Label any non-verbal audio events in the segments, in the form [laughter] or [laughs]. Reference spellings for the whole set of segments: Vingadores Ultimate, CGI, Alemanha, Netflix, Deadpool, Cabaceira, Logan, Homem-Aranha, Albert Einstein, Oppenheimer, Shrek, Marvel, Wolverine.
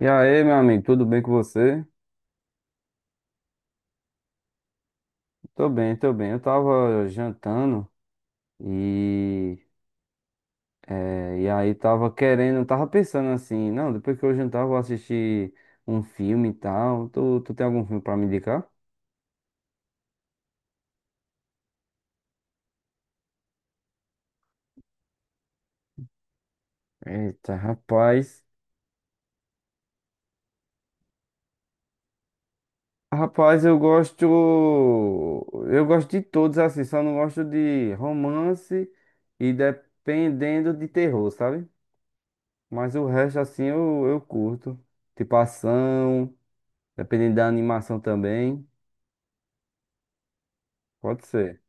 E aí, meu amigo, tudo bem com você? Tô bem, tô bem. Eu tava jantando e, e aí tava querendo, tava pensando assim, não, depois que eu jantar eu vou assistir um filme e tal. Tu tem algum filme pra me indicar? Eita, rapaz. Rapaz, eu gosto. Eu gosto de todos, assim, só não gosto de romance e dependendo de terror, sabe? Mas o resto, assim, eu curto. Tipo ação. Dependendo da animação também, pode ser.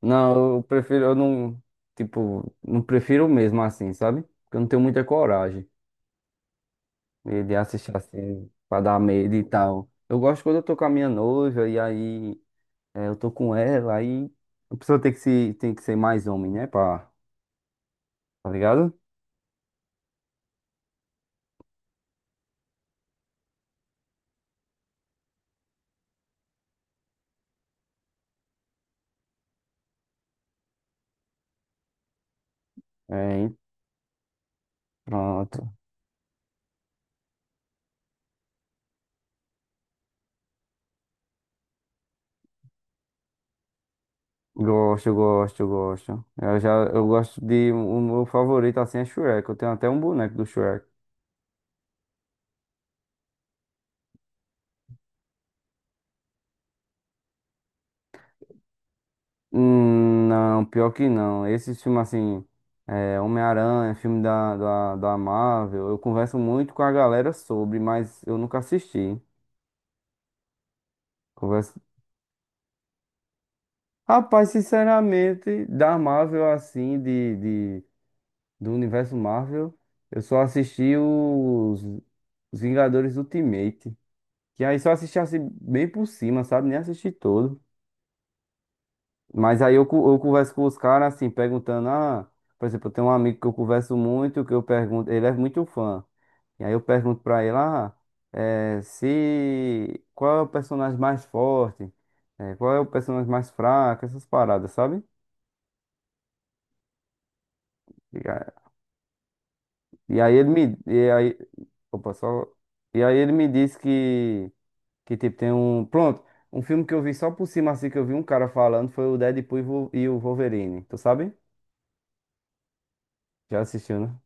Não, eu prefiro, eu não, tipo, não prefiro mesmo assim, sabe? Porque eu não tenho muita coragem de assistir assim, pra dar medo e tal. Eu gosto quando eu tô com a minha noiva e aí é, eu tô com ela, aí a pessoa tem que se, tem que ser mais homem, né? Pra, tá ligado? É, hein? Pronto. Gosto, eu gosto, eu gosto. Eu já, eu gosto de, o meu favorito assim é Shrek. Eu tenho até um boneco do Shrek. Não, pior que não. Esses filmes assim, é, Homem-Aranha, filme da Marvel, eu converso muito com a galera sobre, mas eu nunca assisti. Converso... Rapaz, sinceramente, da Marvel assim, de, do universo Marvel, eu só assisti os Vingadores Ultimate. Que aí só assisti assim, bem por cima, sabe? Nem assisti todo. Mas aí eu, eu converso com os caras assim, perguntando, ah, por exemplo, eu tenho um amigo que eu converso muito, que eu pergunto, ele é muito fã. E aí eu pergunto pra ele, ah, se qual é o personagem mais forte, qual é o personagem mais fraco, essas paradas, sabe? E a- e aí ele me, e aí, opa, só, e aí ele me disse que tipo, tem um, pronto, um filme que eu vi só por cima, assim, que eu vi um cara falando, foi o Deadpool e o Wolverine, tu sabe? Já assistiu, né?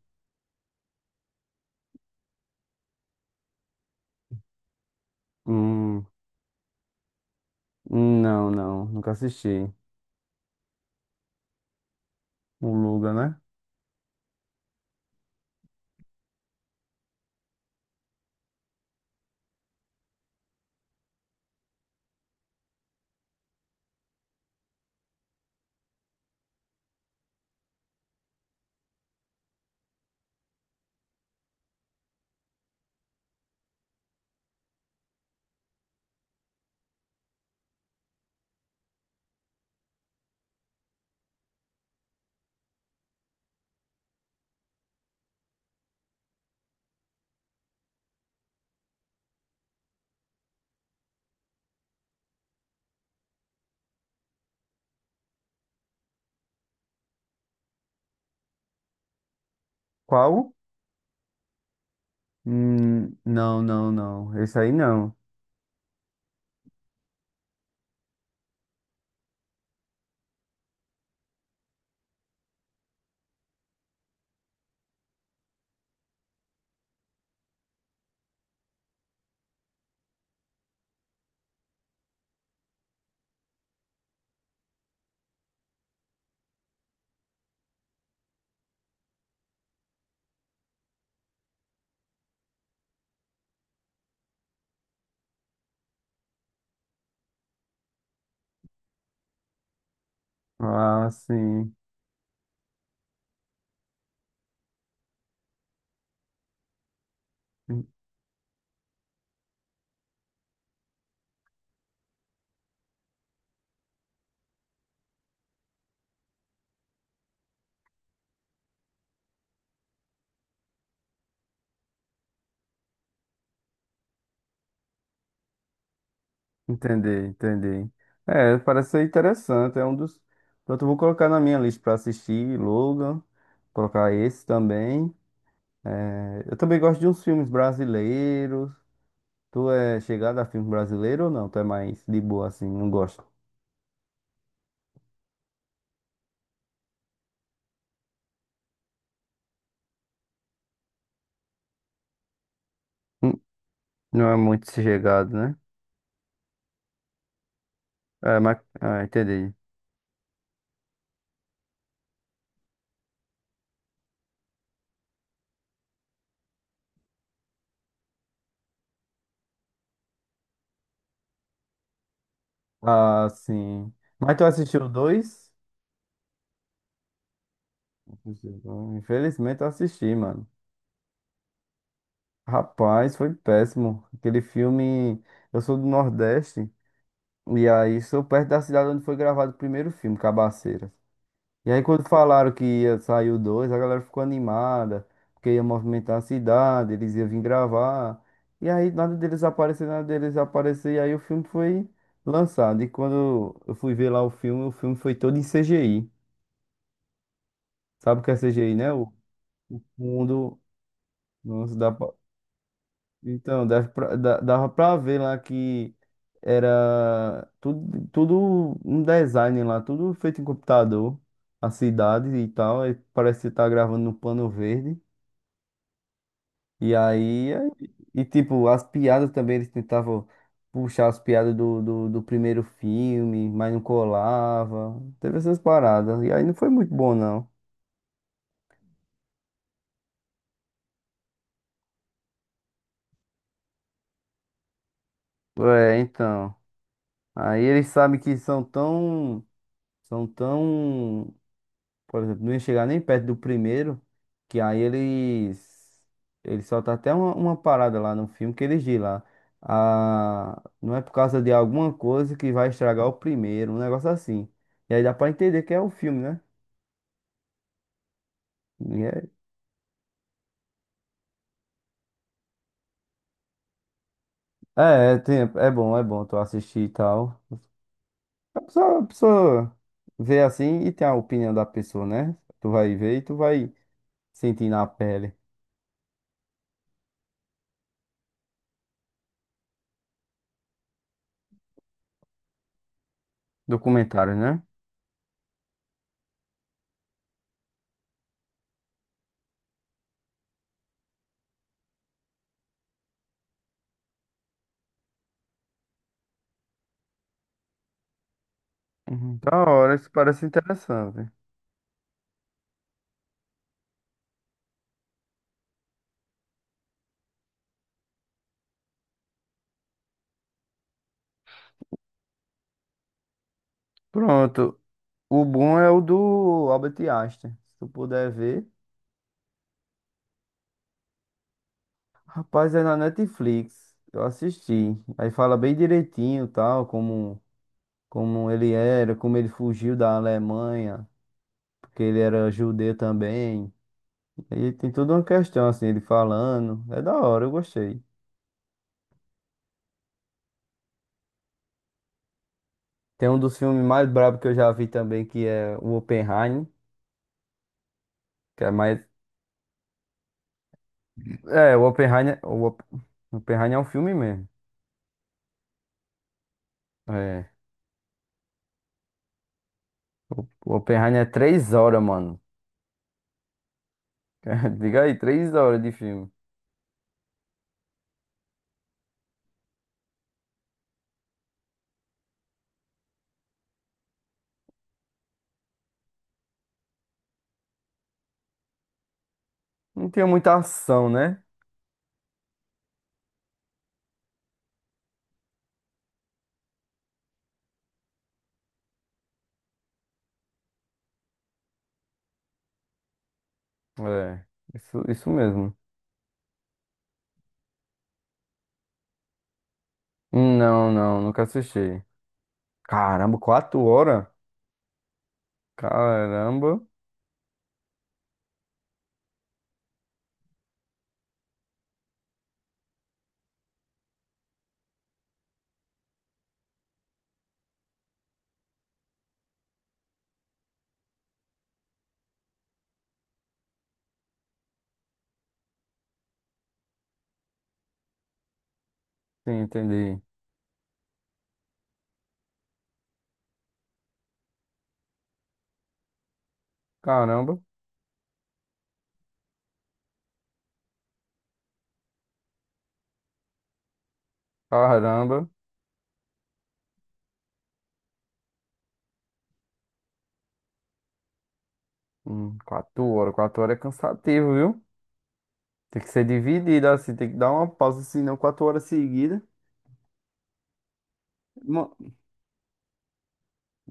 Hum, não, não, nunca assisti. O Luga, né? Qual? Não, não, não. Esse aí não. Ah, sim. En- Entendi, entendi. É, parece ser interessante. É um dos. Pronto, eu vou colocar na minha lista para assistir, Logan. Colocar esse também. É, eu também gosto de uns filmes brasileiros. Tu é chegado a filme brasileiro ou não? Tu é mais de boa assim, não gosta? Hum, Não é muito chegado, né? É, mas. Ah, entendi. Ah, sim. Mas tu assistiu dois? Assisti o dois. Infelizmente eu assisti, mano. Rapaz, foi péssimo. Aquele filme. Eu sou do Nordeste. E aí sou perto da cidade onde foi gravado o primeiro filme, Cabaceira. E aí quando falaram que ia sair o dois, a galera ficou animada. Porque ia movimentar a cidade, eles iam vir gravar. E aí nada deles aparecer, nada deles aparecer. E aí o filme foi lançado. E quando eu fui ver lá o filme foi todo em CGI. Sabe o que é CGI, né? O fundo, nossa, dá pra- então, deve pra- dá- dava pra ver lá que era tudo, tudo um design lá, tudo feito em computador, a cidade e tal, aí parece que tá gravando no pano verde. E aí, é- e tipo, as piadas também, eles tentavam puxar as piadas do primeiro filme, mas não colava, teve essas paradas, e aí não foi muito bom não. É, então, aí eles sabem que são tão... São tão Por exemplo, não ia chegar nem perto do primeiro, que aí eles. Eles soltam até uma parada lá no filme que eles dizem lá. Ah, não é por causa de alguma coisa que vai estragar o primeiro, um negócio assim. E aí dá pra entender que é o filme, né? E é, é, é, tem- é bom tu assistir e tal. A pessoa vê assim e tem a opinião da pessoa, né? Tu vai ver e tu vai sentir na pele. Documentário, né? Uhum. Da hora, isso parece interessante. Pronto. O bom é o do Albert Einstein. Se tu puder ver. Rapaz, é na Netflix. Eu assisti. Aí fala bem direitinho, tal, como, como ele era, como ele fugiu da Alemanha, porque ele era judeu também. E tem toda uma questão, assim, ele falando. É da hora, eu gostei. Tem um dos filmes mais brabos que eu já vi também, que é o Oppenheimer, que é mais... É, o Oppenheimer... Oppenheimer é um filme mesmo. É. O Oppenheimer é 3 horas, mano. [laughs] Diga aí, 3 horas de filme. Não tinha muita ação, né? É, isso mesmo. Não, não, nunca assisti. Caramba, 4 horas? Caramba. Sim, entendi. Caramba, caramba. 4 horas, quatro horas é cansativo, viu? Tem que ser dividido assim, tem que dar uma pausa, senão 4 horas seguidas. Mo-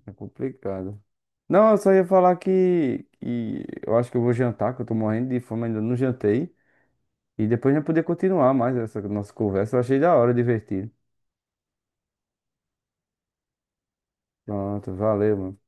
É complicado. Não, eu só ia falar que eu acho que eu vou jantar, que eu tô morrendo de fome, ainda não jantei. E depois a gente poder continuar mais essa nossa conversa. Eu achei da hora, divertido. Pronto, valeu, mano.